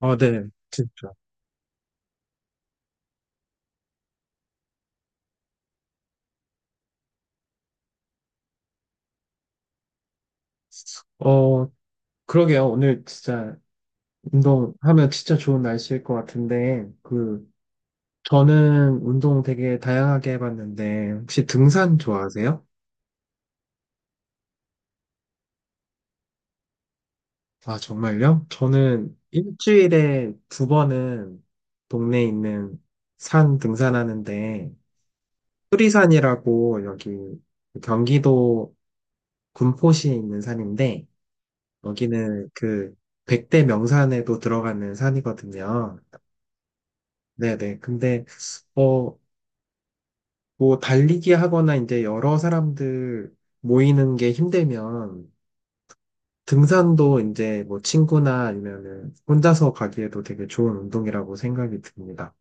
어, 네, 진짜. 어, 그러게요. 오늘 진짜 운동하면 진짜 좋은 날씨일 것 같은데, 그, 저는 운동 되게 다양하게 해봤는데, 혹시 등산 좋아하세요? 아, 정말요? 저는 일주일에 2번은 동네에 있는 산 등산하는데, 수리산이라고 여기 경기도 군포시에 있는 산인데, 여기는 그 백대 명산에도 들어가는 산이거든요. 네네. 근데, 어, 뭐, 달리기 하거나 이제 여러 사람들 모이는 게 힘들면 등산도 이제 뭐 친구나 아니면은 혼자서 가기에도 되게 좋은 운동이라고 생각이 듭니다.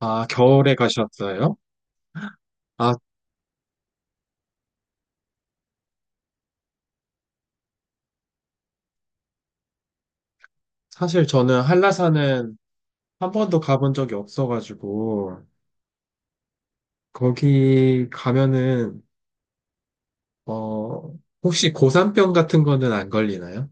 아, 겨울에 가셨어요? 아, 사실 저는 한라산은 한 번도 가본 적이 없어가지고, 거기 가면은, 어, 혹시 고산병 같은 거는 안 걸리나요?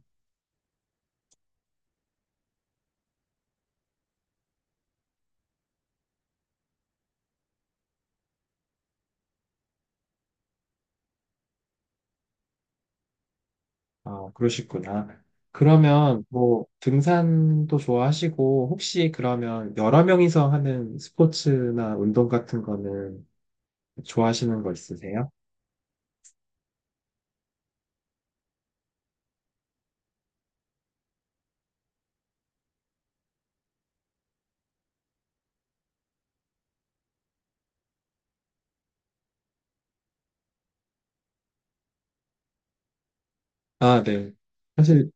아, 그러시구나. 그러면 뭐 등산도 좋아하시고 혹시 그러면 여러 명이서 하는 스포츠나 운동 같은 거는 좋아하시는 거 있으세요? 아, 네. 사실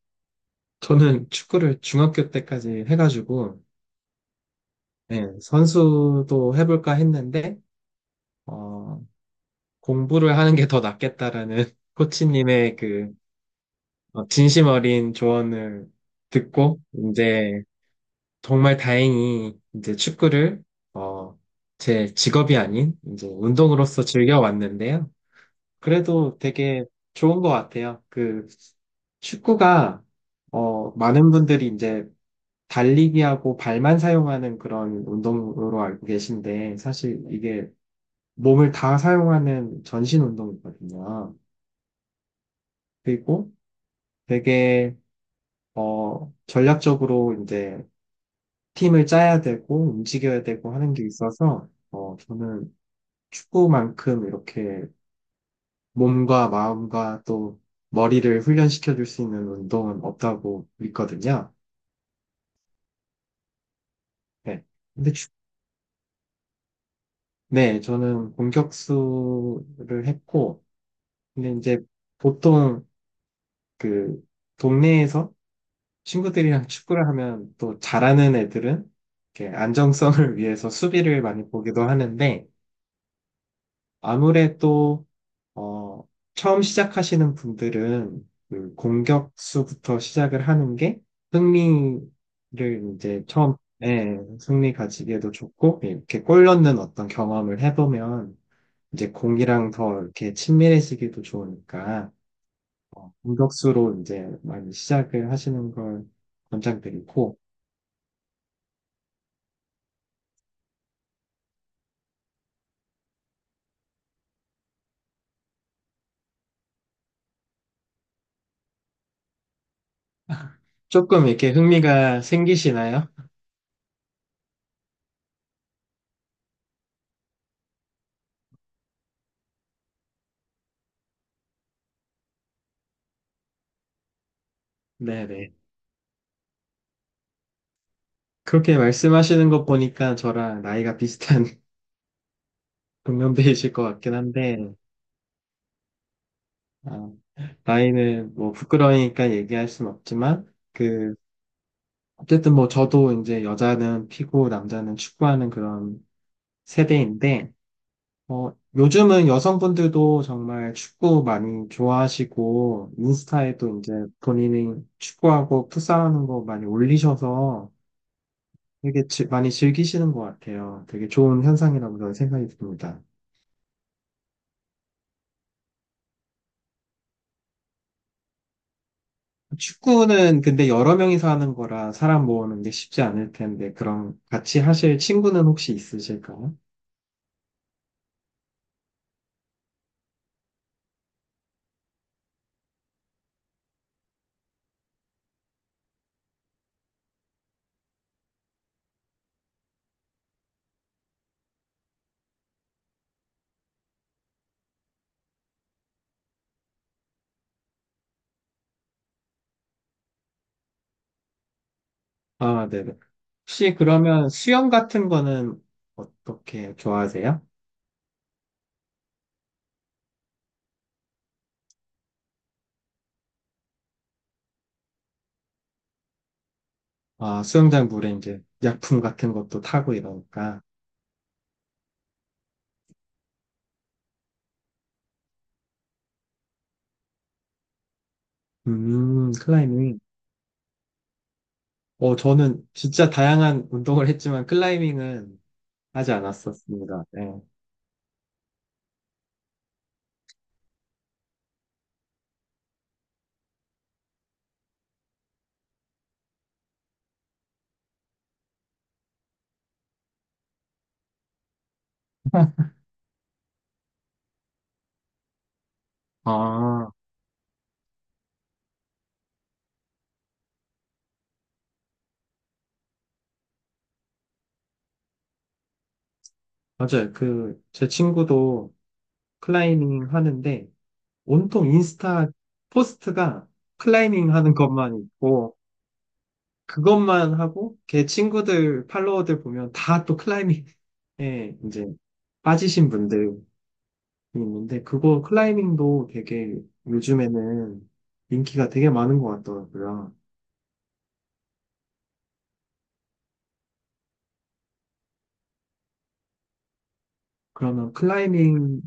저는 축구를 중학교 때까지 해가지고 네, 선수도 해볼까 했는데 어, 공부를 하는 게 더 낫겠다라는 코치님의 그 어, 진심 어린 조언을 듣고 이제 정말 다행히 이제 축구를 어, 제 직업이 아닌 이제 운동으로서 즐겨왔는데요. 그래도 되게 좋은 것 같아요. 그 축구가 어, 많은 분들이 이제 달리기하고 발만 사용하는 그런 운동으로 알고 계신데 사실 이게 몸을 다 사용하는 전신 운동이거든요. 그리고 되게 어, 전략적으로 이제 팀을 짜야 되고 움직여야 되고 하는 게 있어서 어, 저는 축구만큼 이렇게 몸과 마음과 또 머리를 훈련시켜 줄 수 있는 운동은 없다고 믿거든요. 네. 근데 네, 저는 공격수를 했고, 근데 이제 보통 그 동네에서 친구들이랑 축구를 하면 또 잘하는 애들은 이렇게 안정성을 위해서 수비를 많이 보기도 하는데, 아무래도 어, 처음 시작하시는 분들은 그 공격수부터 시작을 하는 게 승리를 이제 처음, 예, 승리 가지기에도 좋고, 이렇게 골 넣는 어떤 경험을 해보면 이제 공이랑 더 이렇게 친밀해지기도 좋으니까, 어, 공격수로 이제 많이 시작을 하시는 걸 권장드리고, 조금 이렇게 흥미가 생기시나요? 네네. 그렇게 말씀하시는 거 보니까 저랑 나이가 비슷한 동년배이실 것 같긴 한데, 아, 나이는 뭐 부끄러우니까 얘기할 순 없지만, 그, 어쨌든 뭐 저도 이제 여자는 피고 남자는 축구하는 그런 세대인데, 어, 요즘은 여성분들도 정말 축구 많이 좋아하시고, 인스타에도 이제 본인이 축구하고 풋살하는 거 많이 올리셔서 되게 많이 즐기시는 것 같아요. 되게 좋은 현상이라고 저는 생각이 듭니다. 축구는 근데 여러 명이서 하는 거라 사람 모으는 게 쉽지 않을 텐데, 그럼 같이 하실 친구는 혹시 있으실까요? 아, 네네. 혹시 그러면 수영 같은 거는 어떻게 좋아하세요? 아, 수영장 물에 이제 약품 같은 것도 타고 이러니까. 클라이밍. 어, 저는 진짜 다양한 운동을 했지만 클라이밍은 하지 않았었습니다. 네. 아, 맞아요. 그, 제 친구도 클라이밍 하는데, 온통 인스타 포스트가 클라이밍 하는 것만 있고, 그것만 하고, 걔 친구들, 팔로워들 보면 다 또 클라이밍에 이제 빠지신 분들이 있는데, 그거 클라이밍도 되게 요즘에는 인기가 되게 많은 것 같더라고요. 그러면 클라이밍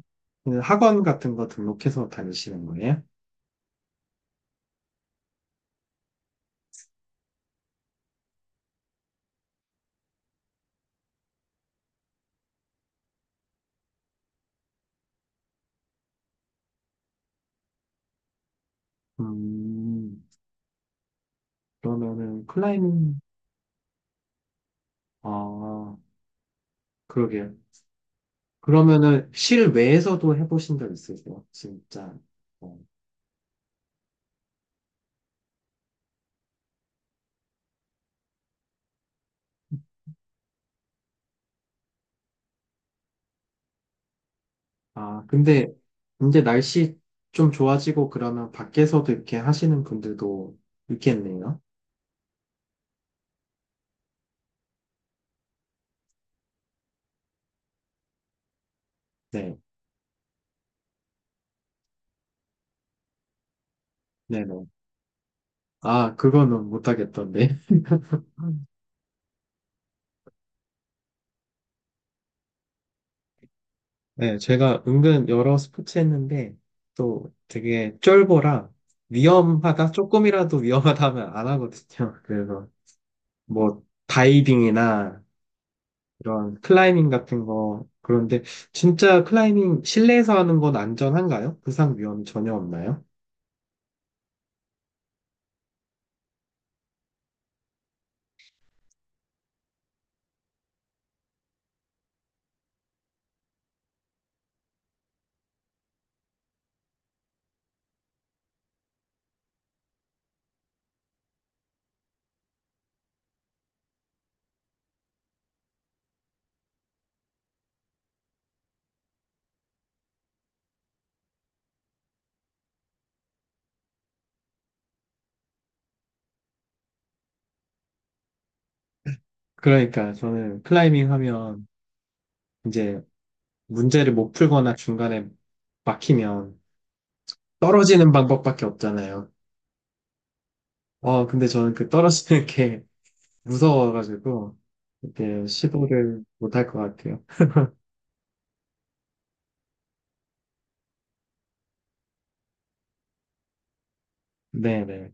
그 학원 같은 거 등록해서 다니시는 거예요? 음, 그러면은 클라이밍, 아, 그러게요. 그러면은 실외에서도 해보신 적 있으세요? 진짜. 어. 아, 근데 이제 날씨 좀 좋아지고 그러면 밖에서도 이렇게 하시는 분들도 있겠네요. 네, 네, 네. 아, 그거는 못하겠던데. 네, 제가 은근 여러 스포츠 했는데 또 되게 쫄보라 위험하다, 조금이라도 위험하다 하면 안 하거든요. 그래서 뭐 다이빙이나 이런 클라이밍 같은 거. 그런데 진짜 클라이밍 실내에서 하는 건 안전한가요? 부상 위험이 전혀 없나요? 그러니까 저는 클라이밍 하면 이제 문제를 못 풀거나 중간에 막히면 떨어지는 방법밖에 없잖아요. 어, 근데 저는 그 떨어지는 게 무서워가지고 이렇게 시도를 못 할 것 같아요. 네네.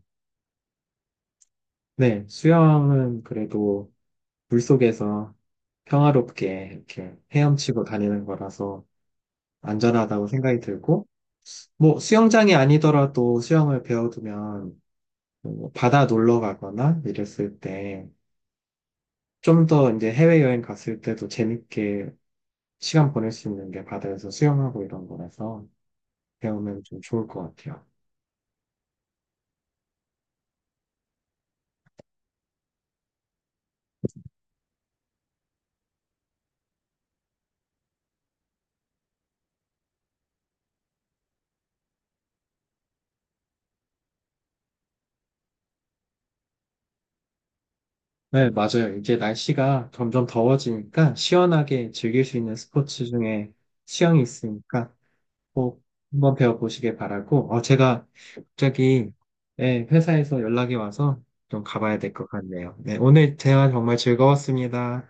네, 수영은 그래도 물속에서 평화롭게 이렇게 헤엄치고 다니는 거라서 안전하다고 생각이 들고, 뭐 수영장이 아니더라도 수영을 배워두면 뭐 바다 놀러 가거나 이랬을 때 좀 더 이제 해외여행 갔을 때도 재밌게 시간 보낼 수 있는 게 바다에서 수영하고 이런 거라서 배우면 좀 좋을 것 같아요. 네, 맞아요. 이제 날씨가 점점 더워지니까 시원하게 즐길 수 있는 스포츠 중에 수영이 있으니까 꼭 한번 배워보시길 바라고, 어, 제가 갑자기, 예, 회사에서 연락이 와서 좀 가봐야 될 것 같네요. 네, 오늘 대화 정말 즐거웠습니다.